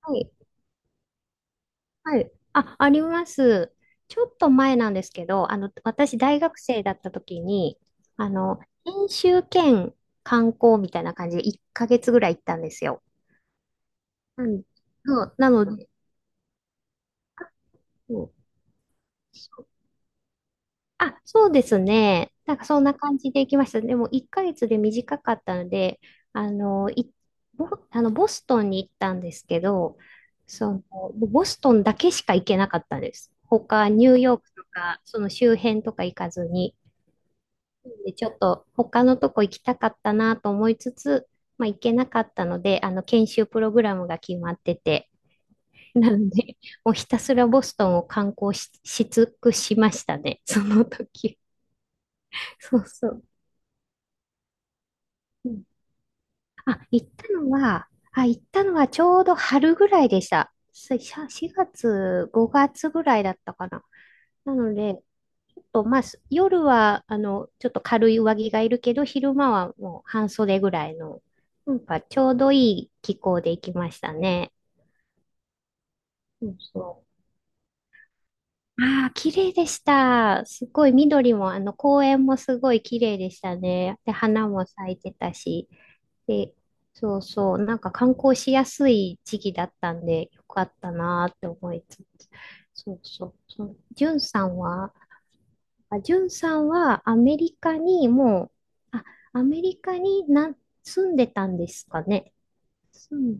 はい。はい。あ、あります。ちょっと前なんですけど、私、大学生だった時に、研修兼観光みたいな感じで1ヶ月ぐらい行ったんですよ。なん、そうなので、あとあ、そうですね。なんかそんな感じで行きました。でも1ヶ月で短かったので、あの、い、ボ、あのボストンに行ったんですけど、その、ボストンだけしか行けなかったです。他、ニューヨークとか、その周辺とか行かずに。で、ちょっと他のとこ行きたかったなと思いつつ、まあ行けなかったので、研修プログラムが決まってて、なので、もうひたすらボストンを観光し尽くしましたね、その時。そうそう。うん。行ったのはちょうど春ぐらいでした。4月、5月ぐらいだったかな。なので、ちょっとまあ、夜は、ちょっと軽い上着がいるけど、昼間はもう半袖ぐらいの、なんかちょうどいい気候で行きましたね。そうそう。ああ、綺麗でした。すごい緑も、公園もすごい綺麗でしたね。で、花も咲いてたし。で、そうそう、なんか観光しやすい時期だったんで、よかったなーって思いつつ、そうそう、そのジュンさんは、あ、ジュンさんはアメリカにもう、あ、アメリカにな、住んでたんですかね。住ん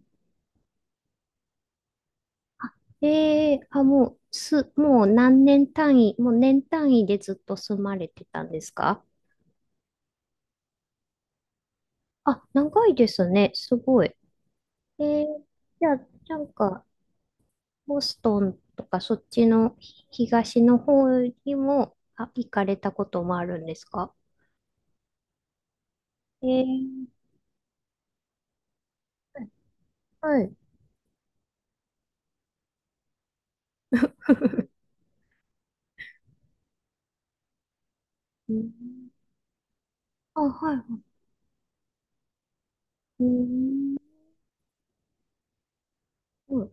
で、あ、もう、もう何年単位、もう年単位でずっと住まれてたんですか？あ、長いですね。すごい。えー、じゃあ、なんか、ボストンとかそっちの東の方にも、あ、行かれたこともあるんですか？えー、はい。うん。あ、はいはい。うん。はい。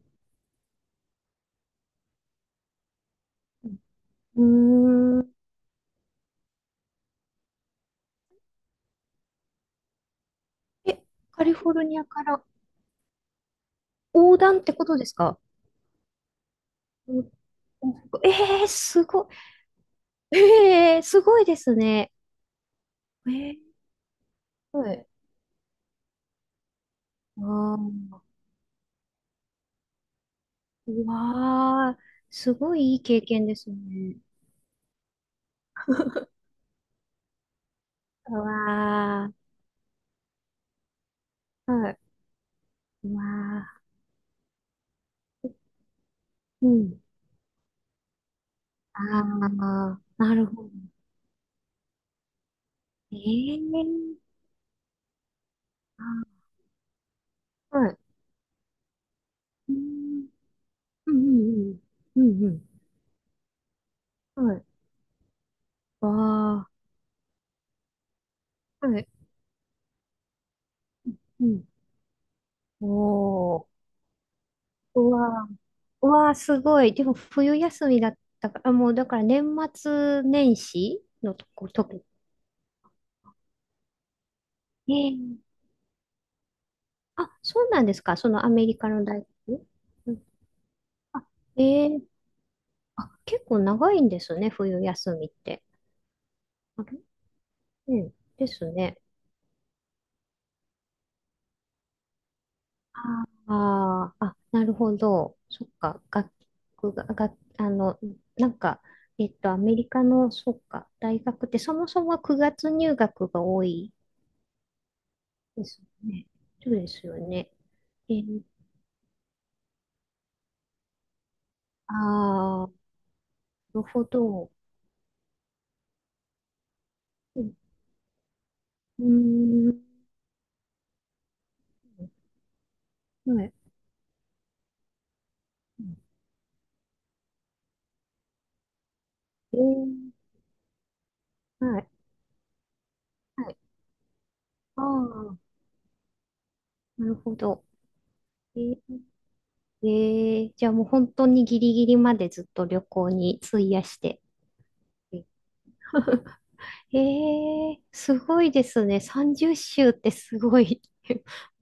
うんうーん。え、カリフォルニアから横断ってことですか？うん。えー、すごい。えー、すごいですね。えー、はい。あー、うわー、すごいいい経験ですね。うわー、はい。うわー。うん。ああ、なるほど。ええー、あー、はい。うん、うんうんうん。うんうん、はい。わあ、はい。うん。おー、うわー、うわー、すごい。でも、冬休みだったから、もう、だから、年末年始の時。ええー、あ、そうなんですか、そのアメリカの大学。うん。あ、ええー、あ、結構長いんですね、冬休みって。あれ、うん、ですね。あーあ、なるほど。そっか。楽曲が、楽あの、なんか、アメリカの、そっか、大学ってそもそもは9月入学が多いですね。そうですよね。えー、ああ、なるほど。うん、うーん、はい。えー、はい。はい。ああ、なるほど。えー、えー、じゃあもう本当にギリギリまでずっと旅行に費やして。えええ、すごいですね。30週ってすごい。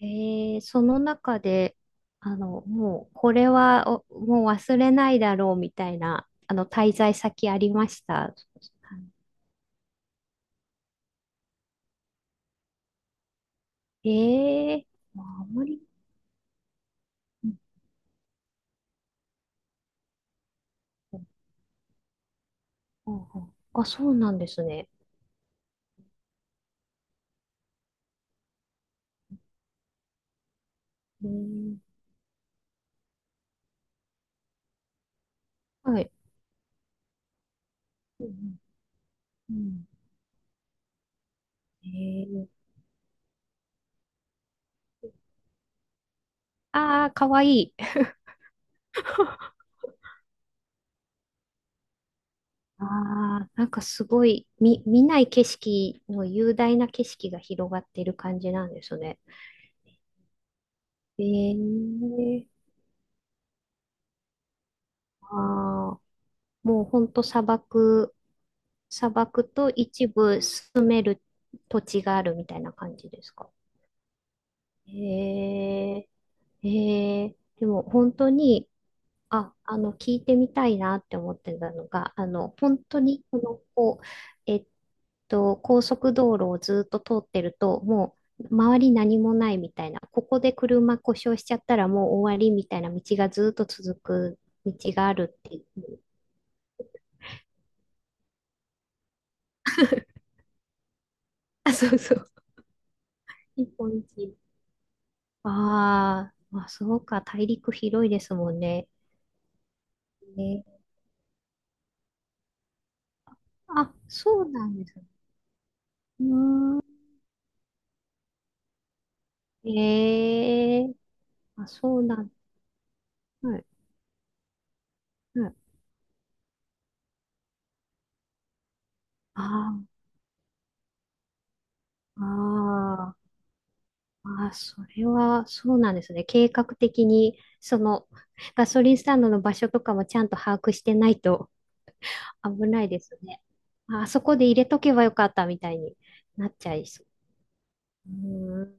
ええ、その中で、もう、これはもう忘れないだろうみたいな、滞在先ありました。ええ、まああまり、うんうんうんうん、あ、そうなんですね。ええ、はい。うんうんうん。ええ、ああ、かわいい。ああ、なんかすごい、見ない景色の雄大な景色が広がっている感じなんですね。ええ、ああ、もうほんと砂漠、砂漠と一部住める土地があるみたいな感じですか。ええ、ええ、でも本当に聞いてみたいなって思ってたのが、本当に、この、こう、えっ高速道路をずっと通ってると、もう、周り何もないみたいな、ここで車故障しちゃったらもう終わりみたいな道がずっと続く道があるっていう。あ、そうそう。一本道。あー、まあ、そうか、大陸広いですもんね。ね、あ、そうなんです。うーん。ええ、あ、そうなん。はい。はい。ああ。あー、あー、それはそうなんですね。計画的に、ガソリンスタンドの場所とかもちゃんと把握してないと危ないですね。ああ、そこで入れとけばよかったみたいになっちゃいそう。う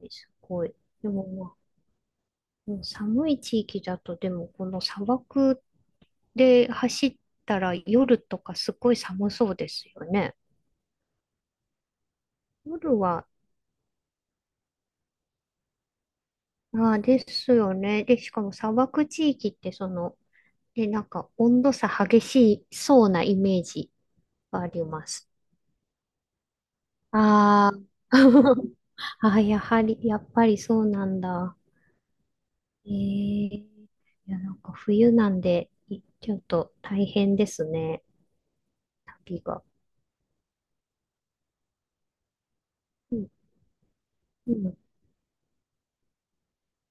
ーん、すごい。でも、まあ、もう寒い地域だと、でも、この砂漠で走ったら夜とかすごい寒そうですよね。夜は、ああ、ですよね。で、しかも砂漠地域って、で、なんか温度差激しいそうなイメージがあります。あー。 あー、やっぱりそうなんだ。いや、なんか冬なんで、ちょっと大変ですね、旅が。うん、うん。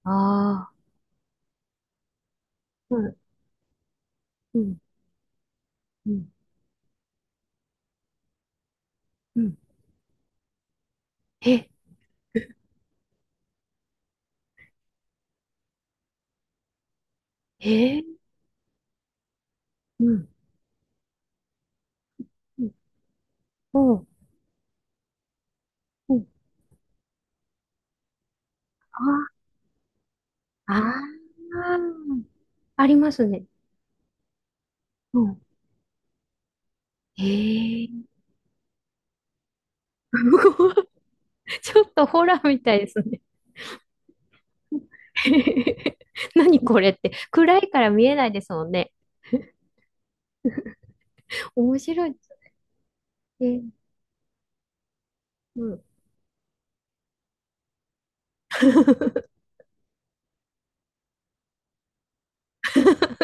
ああ、うん、うん、うん、うん。え、えー、うん、うん、うん、うん。ああ、あー、ありますね。うん。ええー。ちょっとホラーみたいですね。何これって。暗いから見えないですもんね。面白い。え、うん。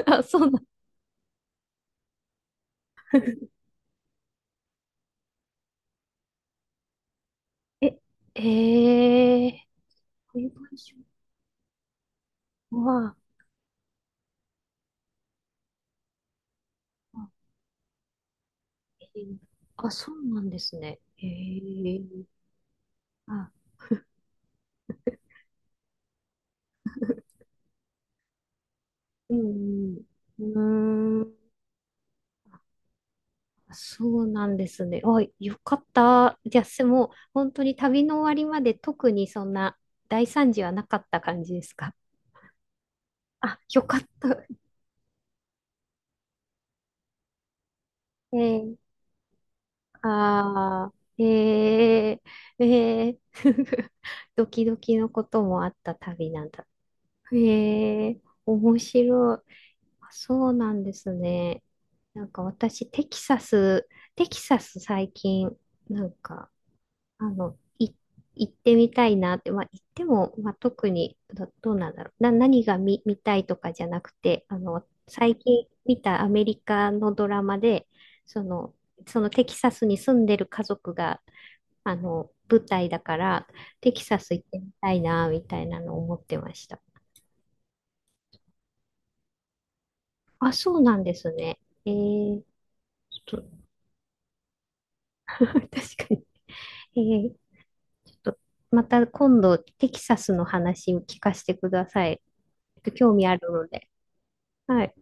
あ、そうなん。え、ええ、こういう文章は、あ、えーあ、そうなんですね。へえ。あ、うん、うん。うーん。そうなんですね。あ、よかった。じゃあ、もう、本当に旅の終わりまで特にそんな大惨事はなかった感じですか？あ、よかった。えー、ああ、へえ、ええ。ドキドキのこともあった旅なんだ。へえ、面白い。あ、そうなんですね。なんか私、テキサス最近、なんか、あの、い、行ってみたいなって、まあ、行っても、まあ、特にどうなんだろう。何が見たいとかじゃなくて、最近見たアメリカのドラマで、その、そのテキサスに住んでる家族が、舞台だから、テキサス行ってみたいな、みたいなのを思ってました。あ、そうなんですね。えー、ちょっと。確かに。えー、ちょっと、また今度、テキサスの話を聞かせてください。ちょっと興味あるので。はい。